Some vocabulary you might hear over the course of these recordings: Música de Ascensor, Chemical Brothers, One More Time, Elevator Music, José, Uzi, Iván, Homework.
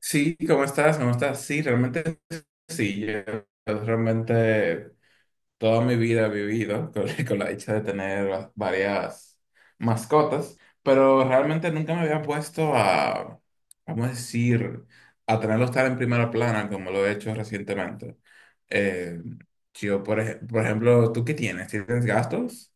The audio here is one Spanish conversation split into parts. Sí, ¿cómo estás? ¿Cómo estás? Sí, realmente sí. Yo realmente toda mi vida he vivido con, con la dicha de tener varias mascotas, pero realmente nunca me había puesto a, vamos a decir, a tenerlos tan en primera plana como lo he hecho recientemente. Eh, yo, por ejemplo, ¿tú qué tienes? ¿Tienes gastos?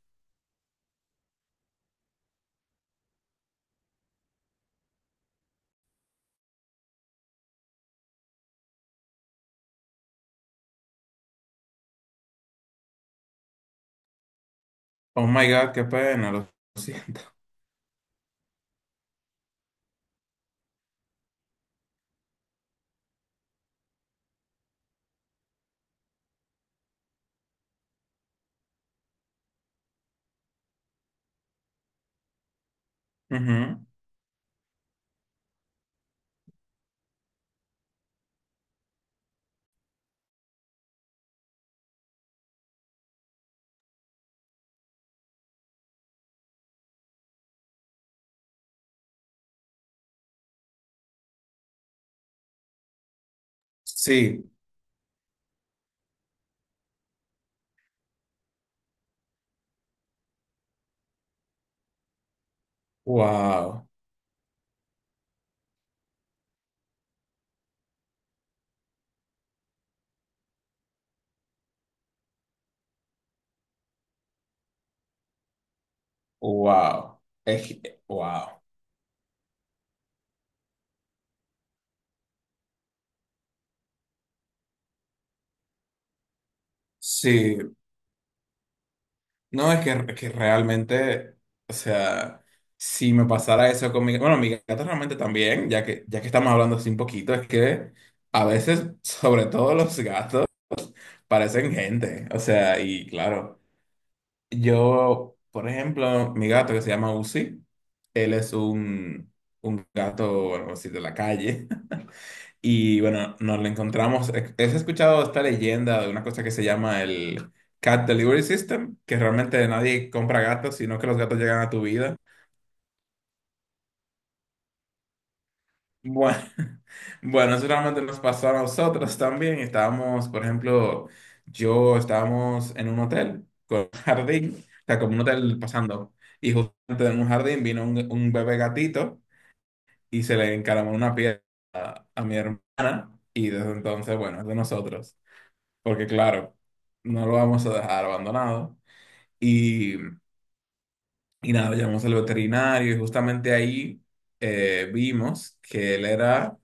Oh my God, qué pena, lo siento. Ujú. Sí, wow, wow, es, wow. Sí, no, es que realmente, o sea, si me pasara eso con mi bueno, mi gata realmente también, ya que estamos hablando así un poquito, es que a veces, sobre todo los gatos, parecen gente, o sea, y claro, yo, por ejemplo, mi gato que se llama Uzi, él es un gato, bueno, así de la calle. Y bueno, nos lo encontramos. ¿Has escuchado esta leyenda de una cosa que se llama el Cat Delivery System? Que realmente nadie compra gatos, sino que los gatos llegan a tu vida. Bueno, bueno, eso realmente nos pasó a nosotros también. Estábamos, por ejemplo, yo estábamos en un hotel con un jardín, o sea, como un hotel pasando. Y justamente en un jardín vino un bebé gatito y se le encaramó una piedra a mi hermana. Y desde entonces, bueno, es de nosotros, porque claro, no lo vamos a dejar abandonado. Y, y nada, llamamos al veterinario y justamente ahí vimos que él era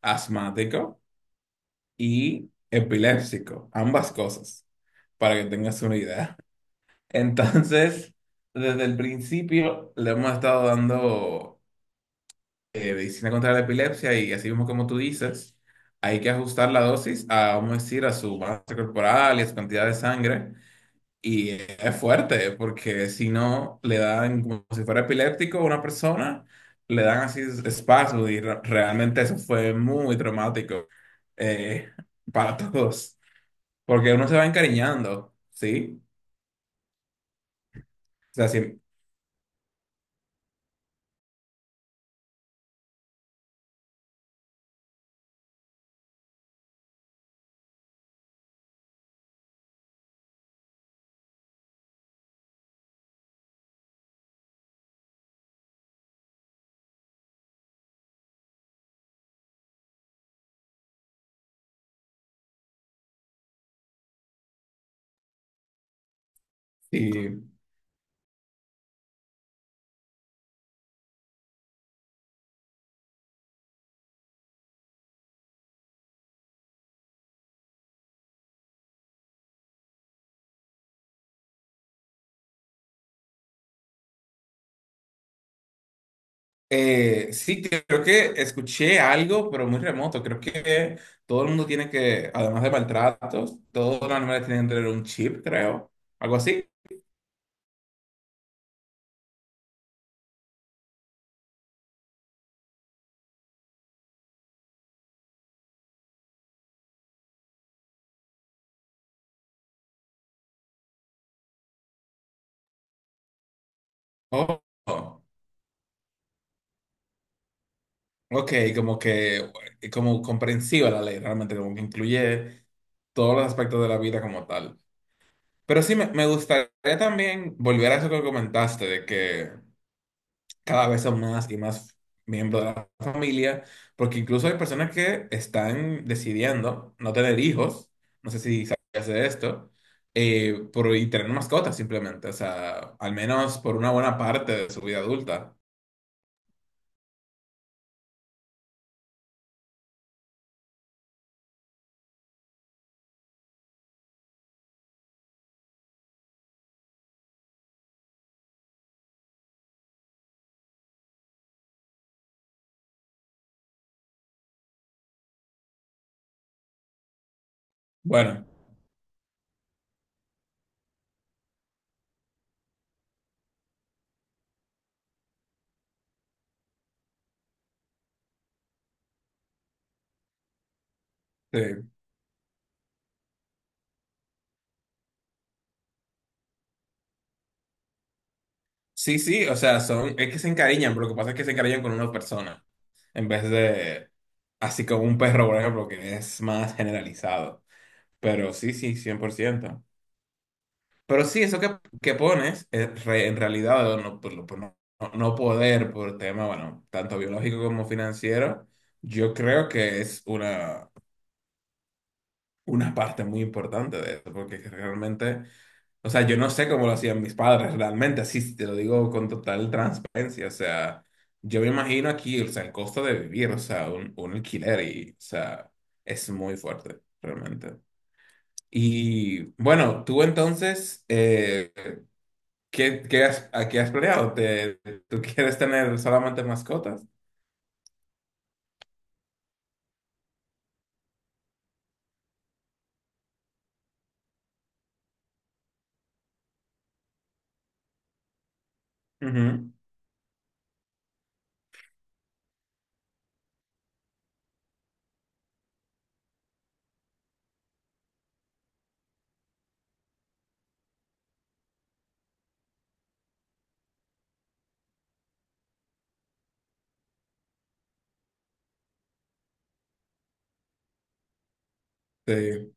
asmático y epiléptico, ambas cosas, para que tengas una idea. Entonces, desde el principio le hemos estado dando medicina contra la epilepsia y así mismo como tú dices, hay que ajustar la dosis a, vamos a decir, a su masa corporal y a su cantidad de sangre. Y es fuerte, porque si no, le dan como si fuera epiléptico a una persona, le dan así espasmos y realmente eso fue muy traumático, eh, para todos, porque uno se va encariñando, ¿sí? O sea, sí, sí. Sí, creo que escuché algo, pero muy remoto. Creo que todo el mundo tiene que, además de maltratos, todos los animales tienen que tener un chip, creo, algo así. Oh. Ok, como que, como comprensiva la ley, realmente, como que incluye todos los aspectos de la vida como tal. Pero sí, me gustaría también volver a eso que comentaste, de que cada vez son más y más miembros de la familia, porque incluso hay personas que están decidiendo no tener hijos, no sé si sabías de esto, y tener mascotas simplemente, o sea, al menos por una buena parte de su vida adulta. Bueno, sí. Sí, sí, o sea, son, es que se encariñan, pero lo que pasa es que se encariñan con una persona, en vez de, así como un perro, por ejemplo, que es más generalizado. Pero sí, sí, 100%. Pero sí, eso que pones, en realidad, no, por, por no, no poder, por tema, bueno, tanto biológico como financiero, yo creo que es una parte muy importante de eso, porque realmente... O sea, yo no sé cómo lo hacían mis padres realmente, así te lo digo con total transparencia. O sea, yo me imagino aquí, o sea, el costo de vivir, o sea, un alquiler y, o sea, es muy fuerte, realmente. Y bueno, tú entonces, ¿qué, qué has, a qué has planeado? ¿Te, tú quieres tener solamente mascotas? Ujú, sí.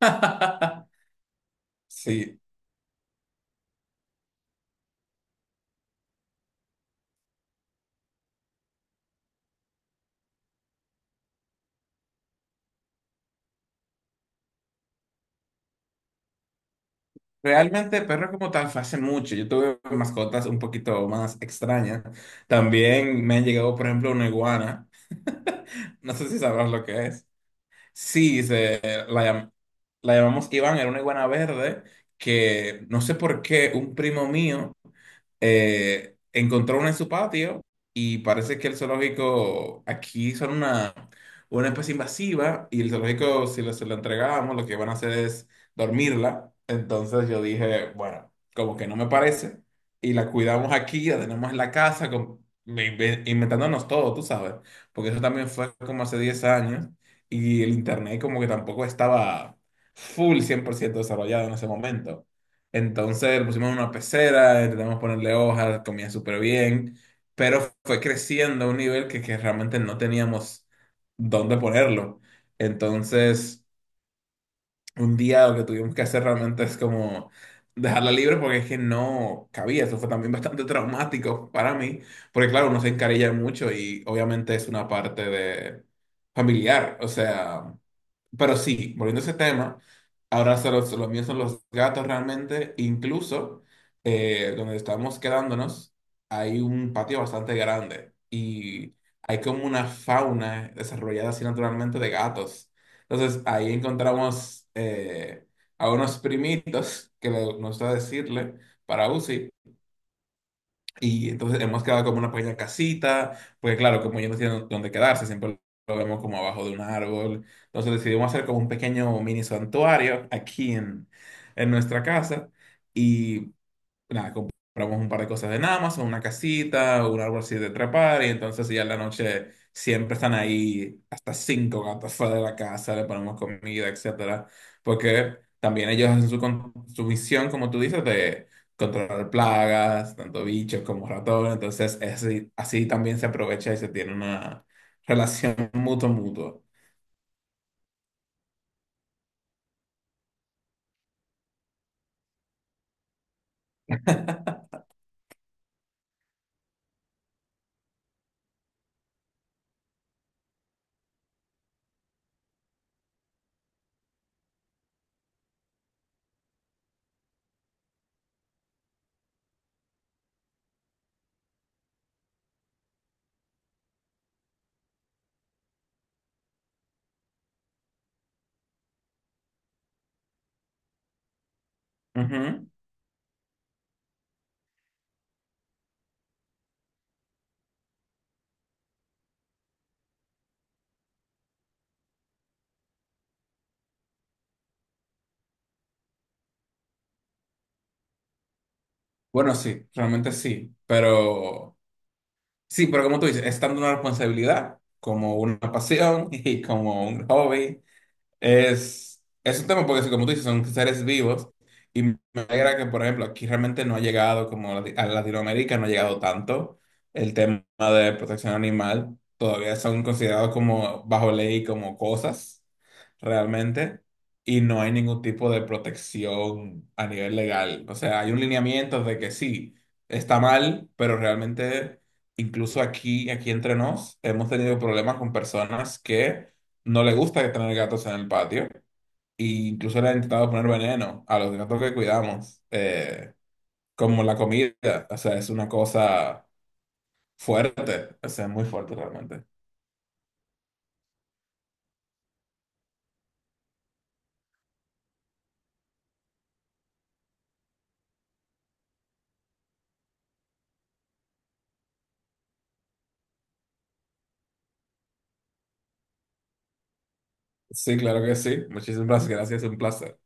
Sí. Realmente perro como tal fue hace mucho. Yo tuve mascotas un poquito más extrañas. También me han llegado, por ejemplo, una iguana. No sé si sabrás lo que es. Sí, se, la, la llamamos Iván, era una iguana verde que no sé por qué un primo mío encontró una en su patio y parece que el zoológico aquí son una especie invasiva y el zoológico si se lo entregamos lo que van a hacer es dormirla. Entonces yo dije, bueno, como que no me parece y la cuidamos aquí, la tenemos en la casa inventándonos todo, tú sabes, porque eso también fue como hace 10 años y el internet como que tampoco estaba full 100% desarrollado en ese momento. Entonces lo pusimos en una pecera, intentamos ponerle hojas, comía súper bien, pero fue creciendo a un nivel que realmente no teníamos dónde ponerlo. Entonces un día lo que tuvimos que hacer realmente es como dejarla libre porque es que no cabía. Eso fue también bastante traumático para mí, porque claro, uno se encarilla mucho y obviamente es una parte de familiar, o sea, pero sí, volviendo a ese tema, ahora solo, los míos son los gatos realmente, incluso donde estamos quedándonos hay un patio bastante grande y hay como una fauna desarrollada así naturalmente de gatos. Entonces ahí encontramos a unos primitos que le gusta decirle para UCI. Y entonces hemos quedado como una pequeña casita, porque claro, como ellos no tienen dónde quedarse, siempre lo vemos como abajo de un árbol. Entonces decidimos hacer como un pequeño mini santuario aquí en nuestra casa. Y nada, compramos un par de cosas en Amazon, una casita, un árbol así de trepar, y entonces ya en la noche siempre están ahí hasta 5 gatos fuera de la casa, le ponemos comida, etcétera, porque también ellos hacen su, su misión, como tú dices, de controlar plagas, tanto bichos como ratones, entonces es así, así también se aprovecha y se tiene una relación mutuo-mutuo. Ujú. Bueno, sí, realmente sí, pero... Sí, pero como tú dices, es tanto una responsabilidad como una pasión y como un hobby. Es un tema porque, sí, como tú dices, son seres vivos y me alegra que, por ejemplo, aquí realmente no ha llegado, como a Latinoamérica, no ha llegado tanto el tema de protección animal. Todavía son considerados como bajo ley, como cosas realmente, y no hay ningún tipo de protección a nivel legal. O sea, hay un lineamiento de que sí, está mal, pero realmente, incluso aquí, aquí entre nos, hemos tenido problemas con personas que no le gusta tener gatos en el patio. E incluso le han intentado poner veneno a los gatos que cuidamos, como la comida. O sea, es una cosa fuerte. O sea, es muy fuerte realmente. Sí, claro que sí. Muchísimas gracias. Un placer.